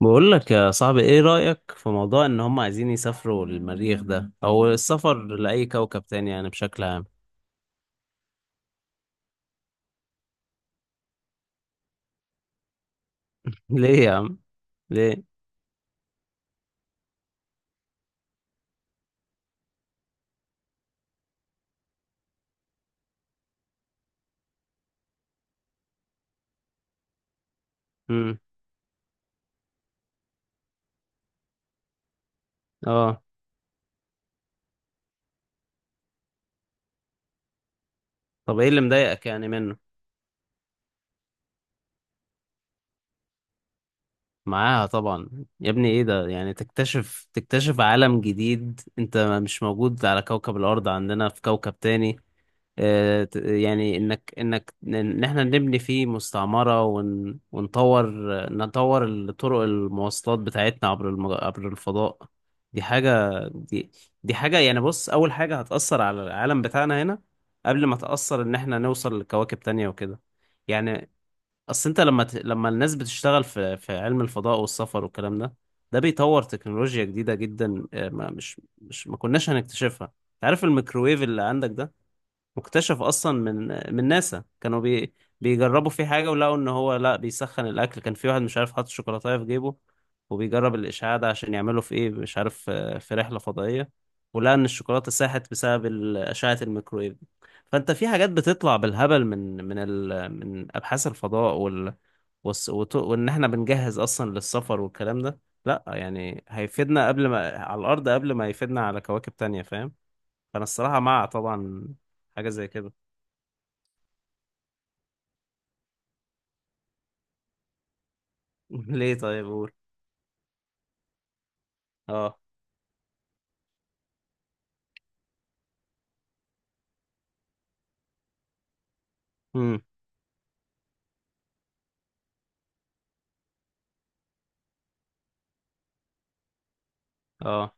بقول لك يا صاحبي، ايه رأيك في موضوع ان هم عايزين يسافروا للمريخ ده او السفر لأي كوكب تاني يعني بشكل عام؟ ليه يا عم؟ ليه؟ امم. اه. طب ايه اللي مضايقك يعني منه؟ معاها طبعا. يا ابني ايه ده؟ يعني تكتشف عالم جديد، انت مش موجود على كوكب الارض، عندنا في كوكب تاني. يعني انك ان احنا نبني فيه مستعمرة ونطور الطرق المواصلات بتاعتنا عبر عبر الفضاء. دي حاجة دي دي حاجة، يعني بص، اول حاجة هتأثر على العالم بتاعنا هنا قبل ما تأثر ان احنا نوصل لكواكب تانية وكده، يعني. اصل انت لما الناس بتشتغل في علم الفضاء والسفر والكلام ده، ده بيطور تكنولوجيا جديدة جدا. آه، ما مش مش ما كناش هنكتشفها. تعرف الميكروويف اللي عندك ده؟ مكتشف اصلا من ناسا. كانوا بيجربوا فيه حاجه، ولقوا ان هو لا، بيسخن الاكل. كان في واحد مش عارف حاطط شوكولاته في جيبه وبيجرب الاشعاع ده عشان يعمله في ايه مش عارف، في رحله فضائيه، ولقى ان الشوكولاته ساحت بسبب اشعه الميكرويف دي. فانت في حاجات بتطلع بالهبل من ابحاث الفضاء وان احنا بنجهز اصلا للسفر والكلام ده. لا يعني هيفيدنا قبل ما على الارض قبل ما يفيدنا على كواكب تانية، فاهم؟ فانا الصراحه مع، طبعا، حاجه زي كده. ليه؟ طيب، قول. اه. امم. اه،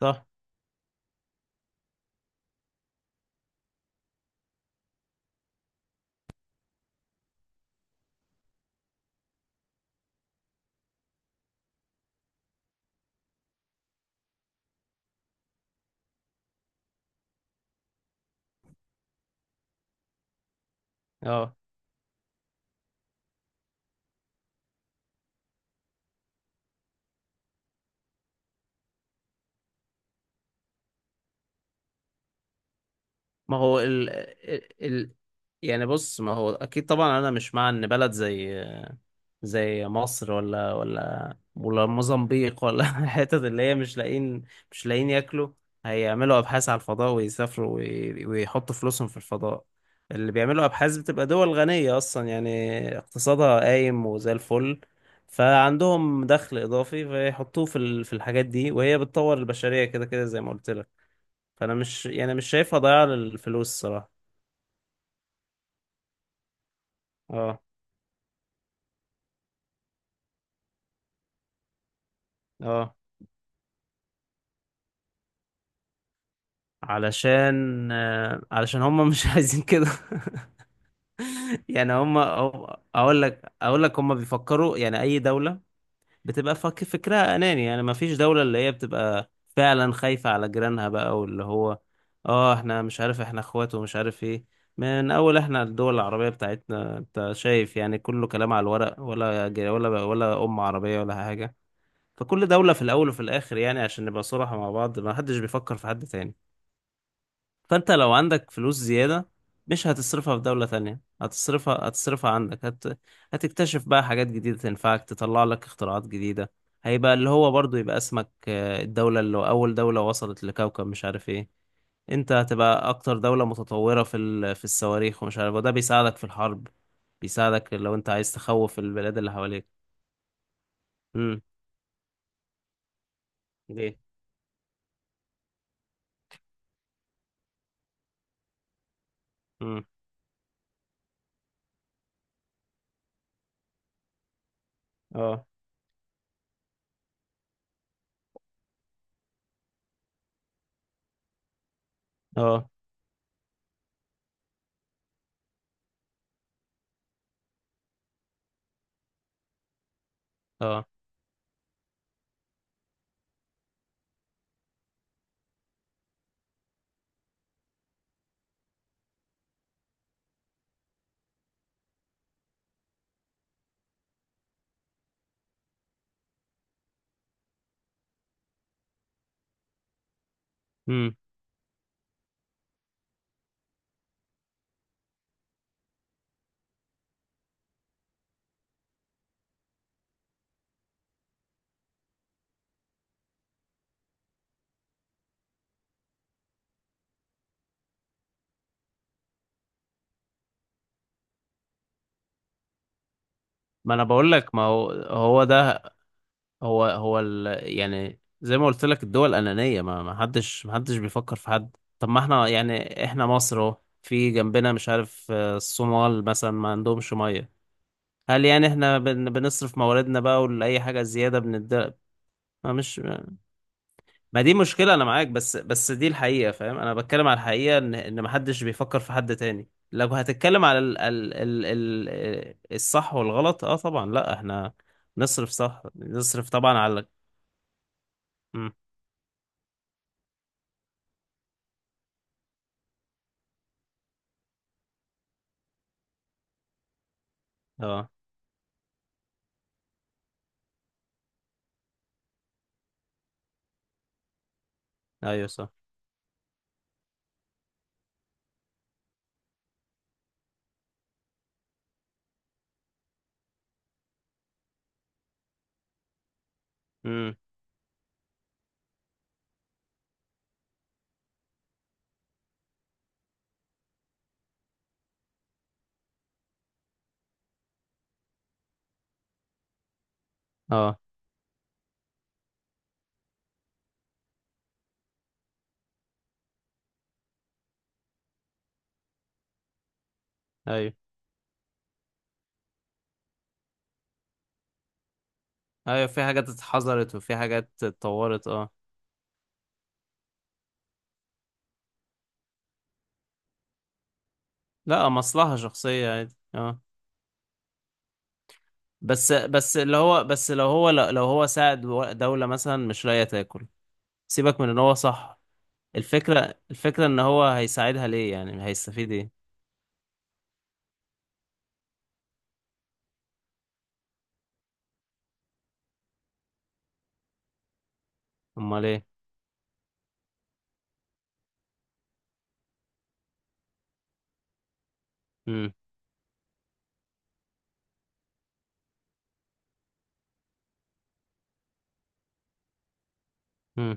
صح. اه. ما هو يعني بص، ما هو اكيد طبعا انا مش مع ان بلد زي مصر ولا موزمبيق ولا الحتت اللي هي مش لاقيين ياكلوا، هيعملوا ابحاث على الفضاء ويسافروا ويحطوا فلوسهم في الفضاء. اللي بيعملوا ابحاث بتبقى دول غنية اصلا يعني، اقتصادها قايم وزي الفل، فعندهم دخل اضافي فيحطوه في الحاجات دي، وهي بتطور البشرية كده كده زي ما قلت لك. فانا مش، يعني مش شايفها ضياع للفلوس الصراحة. اه، اه، علشان هم مش عايزين كده. يعني اقول لك هم بيفكروا، يعني اي دولة بتبقى فكرها اناني، يعني ما فيش دولة اللي هي بتبقى فعلا خايفة على جيرانها بقى، واللي هو اه، احنا مش عارف احنا اخوات ومش عارف ايه. من اول، احنا الدول العربية بتاعتنا انت شايف يعني كله كلام على الورق، ولا ام عربية ولا حاجة. فكل دولة في الاول وفي الاخر، يعني عشان نبقى صراحة مع بعض، ما حدش بيفكر في حد تاني. فانت لو عندك فلوس زيادة، مش هتصرفها في دولة تانية، هتصرفها عندك، هتكتشف بقى حاجات جديدة تنفعك، تطلع لك اختراعات جديدة. هيبقى اللي هو برضو يبقى اسمك الدولة، اللي أول دولة وصلت لكوكب مش عارف ايه. انت هتبقى أكتر دولة متطورة في الصواريخ ومش عارف، وده بيساعدك في الحرب، بيساعدك لو انت عايز تخوف البلاد اللي حواليك. امم. ليه؟ امم. اه، اه، اه. امم. ما انا بقول لك، ما هو هو ده، هو هو ال... يعني زي ما قلت لك، الدول أنانية، ما حدش بيفكر في حد. طب ما احنا، يعني احنا مصر اهو، في جنبنا مش عارف الصومال مثلا ما عندهمش مية. هل يعني احنا بنصرف مواردنا بقى ولأي حاجة زيادة بندي؟ ما مش ما دي مشكلة، أنا معاك، بس دي الحقيقة، فاهم؟ أنا بتكلم على الحقيقة إن ما حدش بيفكر في حد تاني. لو هتتكلم على الصح والغلط، اه طبعا. لا، احنا نصرف صح، نصرف طبعا على. مم. اه، ايوه، صح. امم. اه، ايوه، ايوه، في حاجات اتحذرت وفي حاجات اتطورت، اه. لا، مصلحة شخصية، عادي، اه. بس اللي هو بس، لو هو ساعد دولة مثلا مش لاقية تاكل، سيبك من ان هو صح. الفكرة ان هو هيساعدها ليه؟ يعني هيستفيد ايه؟ امال ايه؟ امم، امم،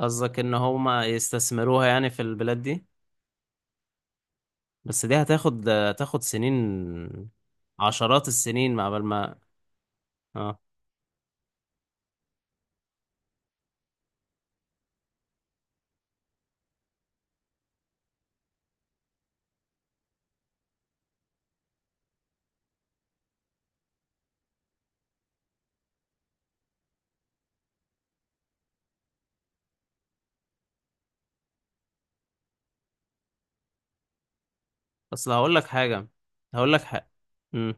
قصدك ان هما يستثمروها يعني في البلاد دي؟ بس دي هتاخد سنين، عشرات السنين مع بال ما. اه. اصل هقول لك حاجه. امم.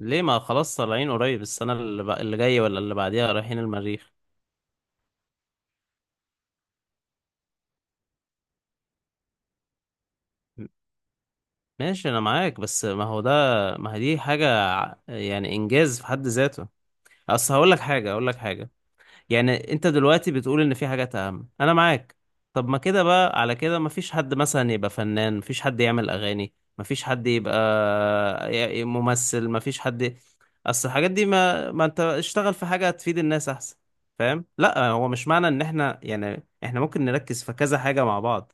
ليه؟ ما خلاص، طالعين قريب السنه اللي جايه ولا اللي بعديها رايحين المريخ. م- ماشي، انا معاك، بس ما هو ده، ما هي دي حاجه، يعني انجاز في حد ذاته. اصل هقول لك حاجه. يعني انت دلوقتي بتقول ان في حاجات اهم، انا معاك. طب ما كده بقى، على كده ما فيش حد مثلا يبقى فنان، ما فيش حد يعمل اغاني، ما فيش حد يبقى ممثل، ما فيش حد. اصل الحاجات دي ما انت اشتغل في حاجة تفيد الناس احسن، فاهم؟ لا، هو مش معنى ان يعني احنا ممكن نركز في كذا حاجة مع بعض.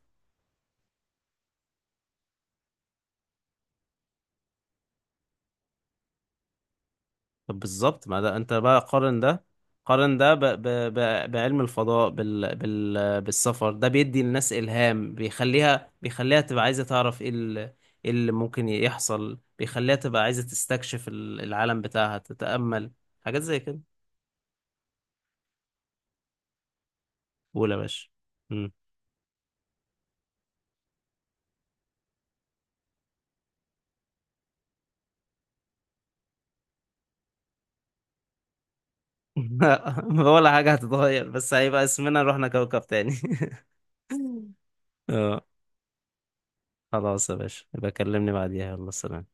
طب بالظبط، ما ده انت بقى قارن ده قارن ده بعلم الفضاء بالسفر ده، بيدي الناس إلهام، بيخليها تبقى عايزة تعرف ايه إيه اللي ممكن يحصل، بيخليها تبقى عايزة تستكشف العالم بتاعها، تتأمل. حاجات زي كده. قول يا باشا. مم. ولا حاجة هتتغير، بس هيبقى اسمنا رحنا كوكب تاني. اه، خلاص يا باشا، يبقى كلمني بعديها، يلا سلام.